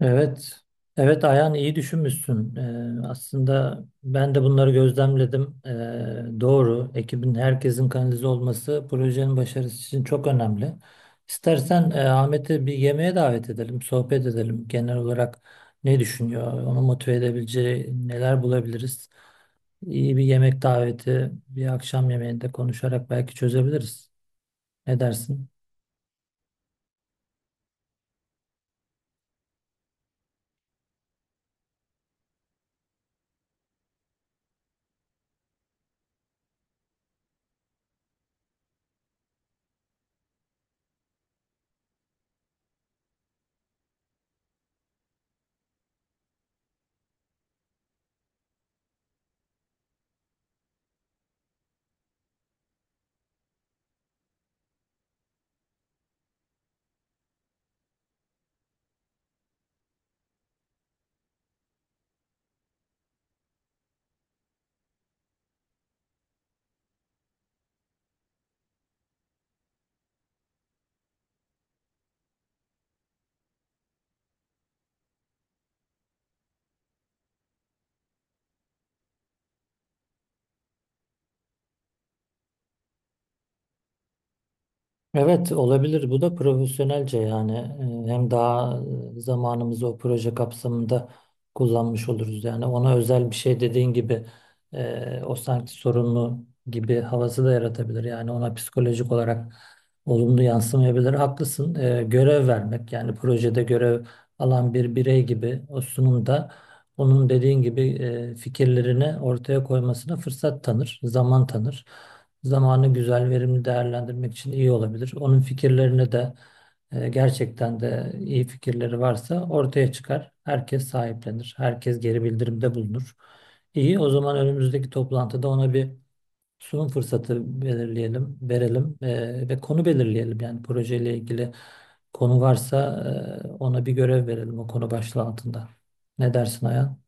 Evet, evet Ayhan iyi düşünmüşsün. Aslında ben de bunları gözlemledim. Doğru, ekibin herkesin kanalize olması projenin başarısı için çok önemli. İstersen Ahmet'i bir yemeğe davet edelim, sohbet edelim. Genel olarak ne düşünüyor, onu motive edebileceği neler bulabiliriz? İyi bir yemek daveti, bir akşam yemeğinde konuşarak belki çözebiliriz. Ne dersin? Evet olabilir. Bu da profesyonelce yani hem daha zamanımızı o proje kapsamında kullanmış oluruz. Yani ona özel bir şey dediğin gibi o sanki sorunlu gibi havası da yaratabilir. Yani ona psikolojik olarak olumlu yansımayabilir. Haklısın. Görev vermek yani projede görev alan bir birey gibi o sunumda onun dediğin gibi fikirlerini ortaya koymasına fırsat tanır, zaman tanır zamanı güzel, verimli değerlendirmek için iyi olabilir. Onun fikirlerini de gerçekten de iyi fikirleri varsa ortaya çıkar. Herkes sahiplenir. Herkes geri bildirimde bulunur. İyi, o zaman önümüzdeki toplantıda ona bir sunum fırsatı belirleyelim, verelim ve konu belirleyelim. Yani projeyle ilgili konu varsa ona bir görev verelim o konu başlığı altında. Ne dersin Ayhan?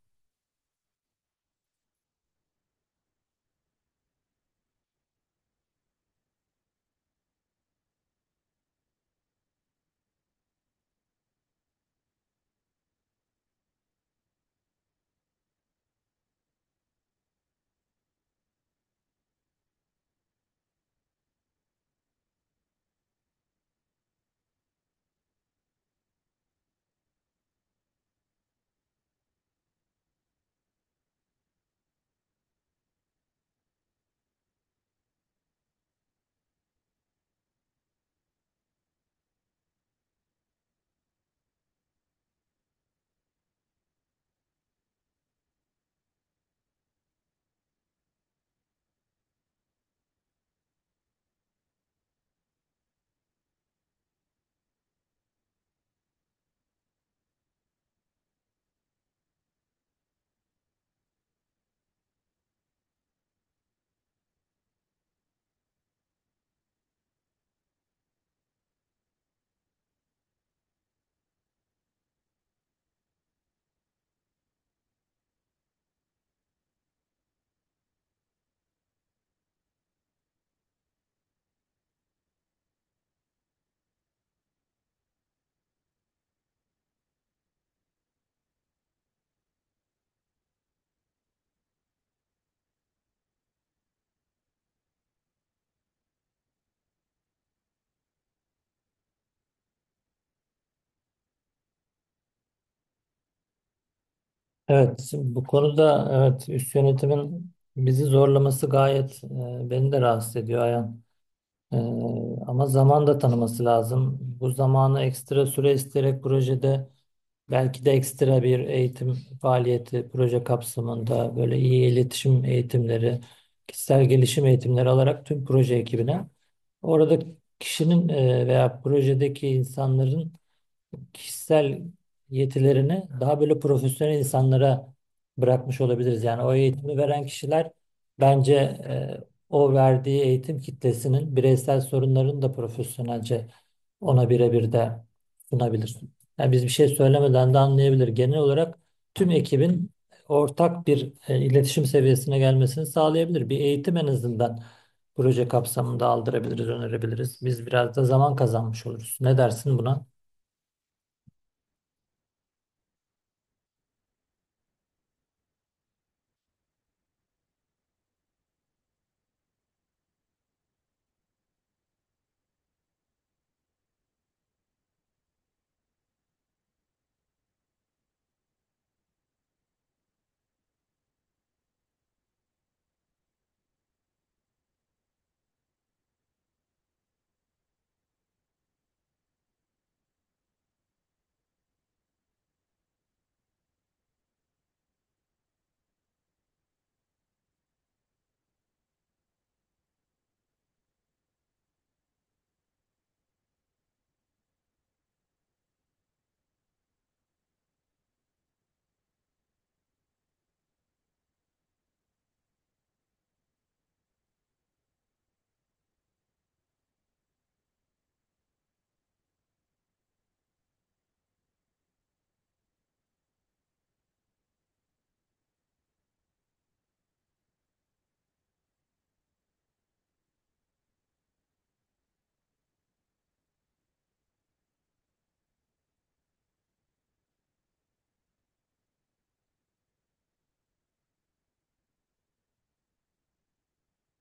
Evet, bu konuda evet üst yönetimin bizi zorlaması gayet beni de rahatsız ediyor Ayhan. E, Ama zaman da tanıması lazım. Bu zamanı ekstra süre isteyerek projede belki de ekstra bir eğitim faaliyeti proje kapsamında böyle iyi iletişim eğitimleri, kişisel gelişim eğitimleri alarak tüm proje ekibine orada kişinin veya projedeki insanların kişisel yetilerini daha böyle profesyonel insanlara bırakmış olabiliriz. Yani o eğitimi veren kişiler bence o verdiği eğitim kitlesinin bireysel sorunlarını da profesyonelce ona birebir de sunabilir. Yani biz bir şey söylemeden de anlayabilir. Genel olarak tüm ekibin ortak bir iletişim seviyesine gelmesini sağlayabilir. Bir eğitim en azından proje kapsamında aldırabiliriz, önerebiliriz. Biz biraz da zaman kazanmış oluruz. Ne dersin buna?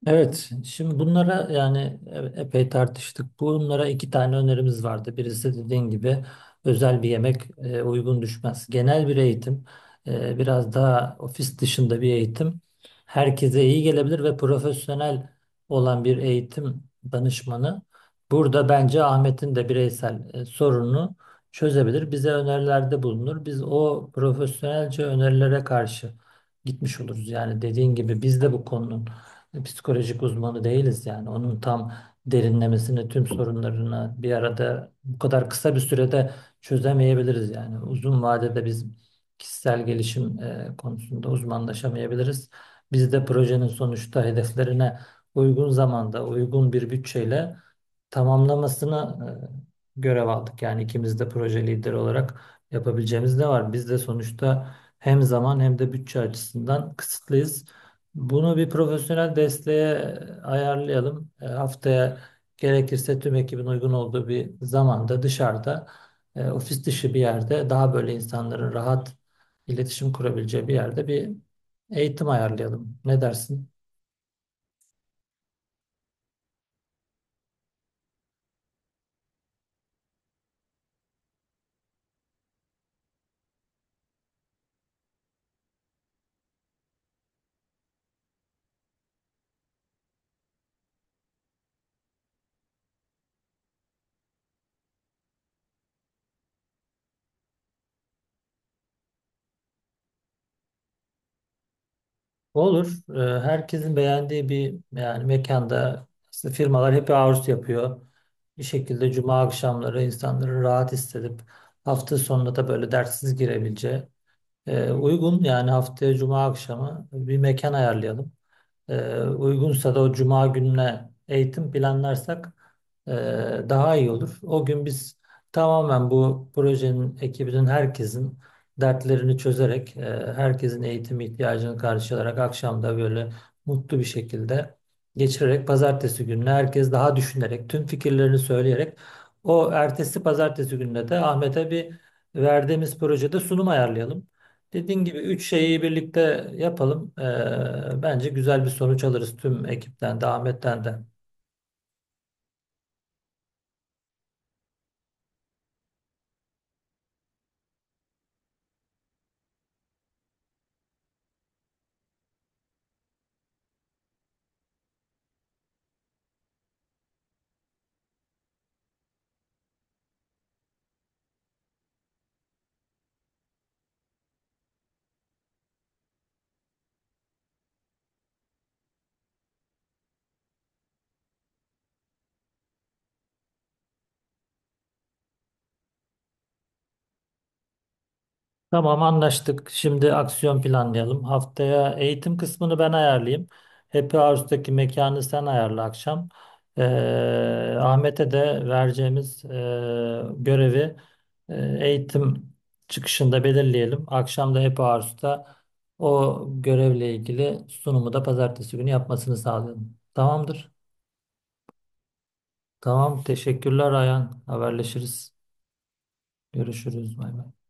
Evet, şimdi bunlara yani epey tartıştık. Bunlara iki tane önerimiz vardı. Birisi dediğin gibi özel bir yemek uygun düşmez. Genel bir eğitim, biraz daha ofis dışında bir eğitim herkese iyi gelebilir ve profesyonel olan bir eğitim danışmanı burada bence Ahmet'in de bireysel sorununu çözebilir. Bize önerilerde bulunur. Biz o profesyonelce önerilere karşı gitmiş oluruz. Yani dediğin gibi biz de bu konunun psikolojik uzmanı değiliz yani. Onun tam derinlemesine tüm sorunlarını bir arada bu kadar kısa bir sürede çözemeyebiliriz yani. Uzun vadede biz kişisel gelişim konusunda uzmanlaşamayabiliriz. Biz de projenin sonuçta hedeflerine uygun zamanda, uygun bir bütçeyle tamamlamasına görev aldık. Yani ikimiz de proje lideri olarak yapabileceğimiz ne var? Biz de sonuçta hem zaman hem de bütçe açısından kısıtlıyız. Bunu bir profesyonel desteğe ayarlayalım. Haftaya gerekirse tüm ekibin uygun olduğu bir zamanda dışarıda, ofis dışı bir yerde daha böyle insanların rahat iletişim kurabileceği bir yerde bir eğitim ayarlayalım. Ne dersin? Olur. Herkesin beğendiği bir yani mekanda aslında firmalar hep hours yapıyor. Bir şekilde cuma akşamları insanları rahat hissedip hafta sonunda da böyle derssiz girebileceği uygun yani haftaya cuma akşamı bir mekan ayarlayalım. Uygunsa da o cuma gününe eğitim planlarsak e, daha iyi olur. O gün biz tamamen bu projenin ekibinin herkesin dertlerini çözerek, herkesin eğitim ihtiyacını karşılayarak akşamda böyle mutlu bir şekilde geçirerek pazartesi gününe herkes daha düşünerek, tüm fikirlerini söyleyerek o ertesi pazartesi gününe de Ahmet'e bir verdiğimiz projede sunum ayarlayalım. Dediğin gibi üç şeyi birlikte yapalım. Bence güzel bir sonuç alırız tüm ekipten de Ahmet'ten de. Tamam anlaştık. Şimdi aksiyon planlayalım. Haftaya eğitim kısmını ben ayarlayayım. Happy House'daki mekanı sen ayarla akşam. Ee, Ahmet'e de vereceğimiz görevi eğitim çıkışında belirleyelim. Akşam da Happy House'da o görevle ilgili sunumu da pazartesi günü yapmasını sağlayalım. Tamamdır. Tamam, teşekkürler Ayhan. Haberleşiriz. Görüşürüz. Bay bay.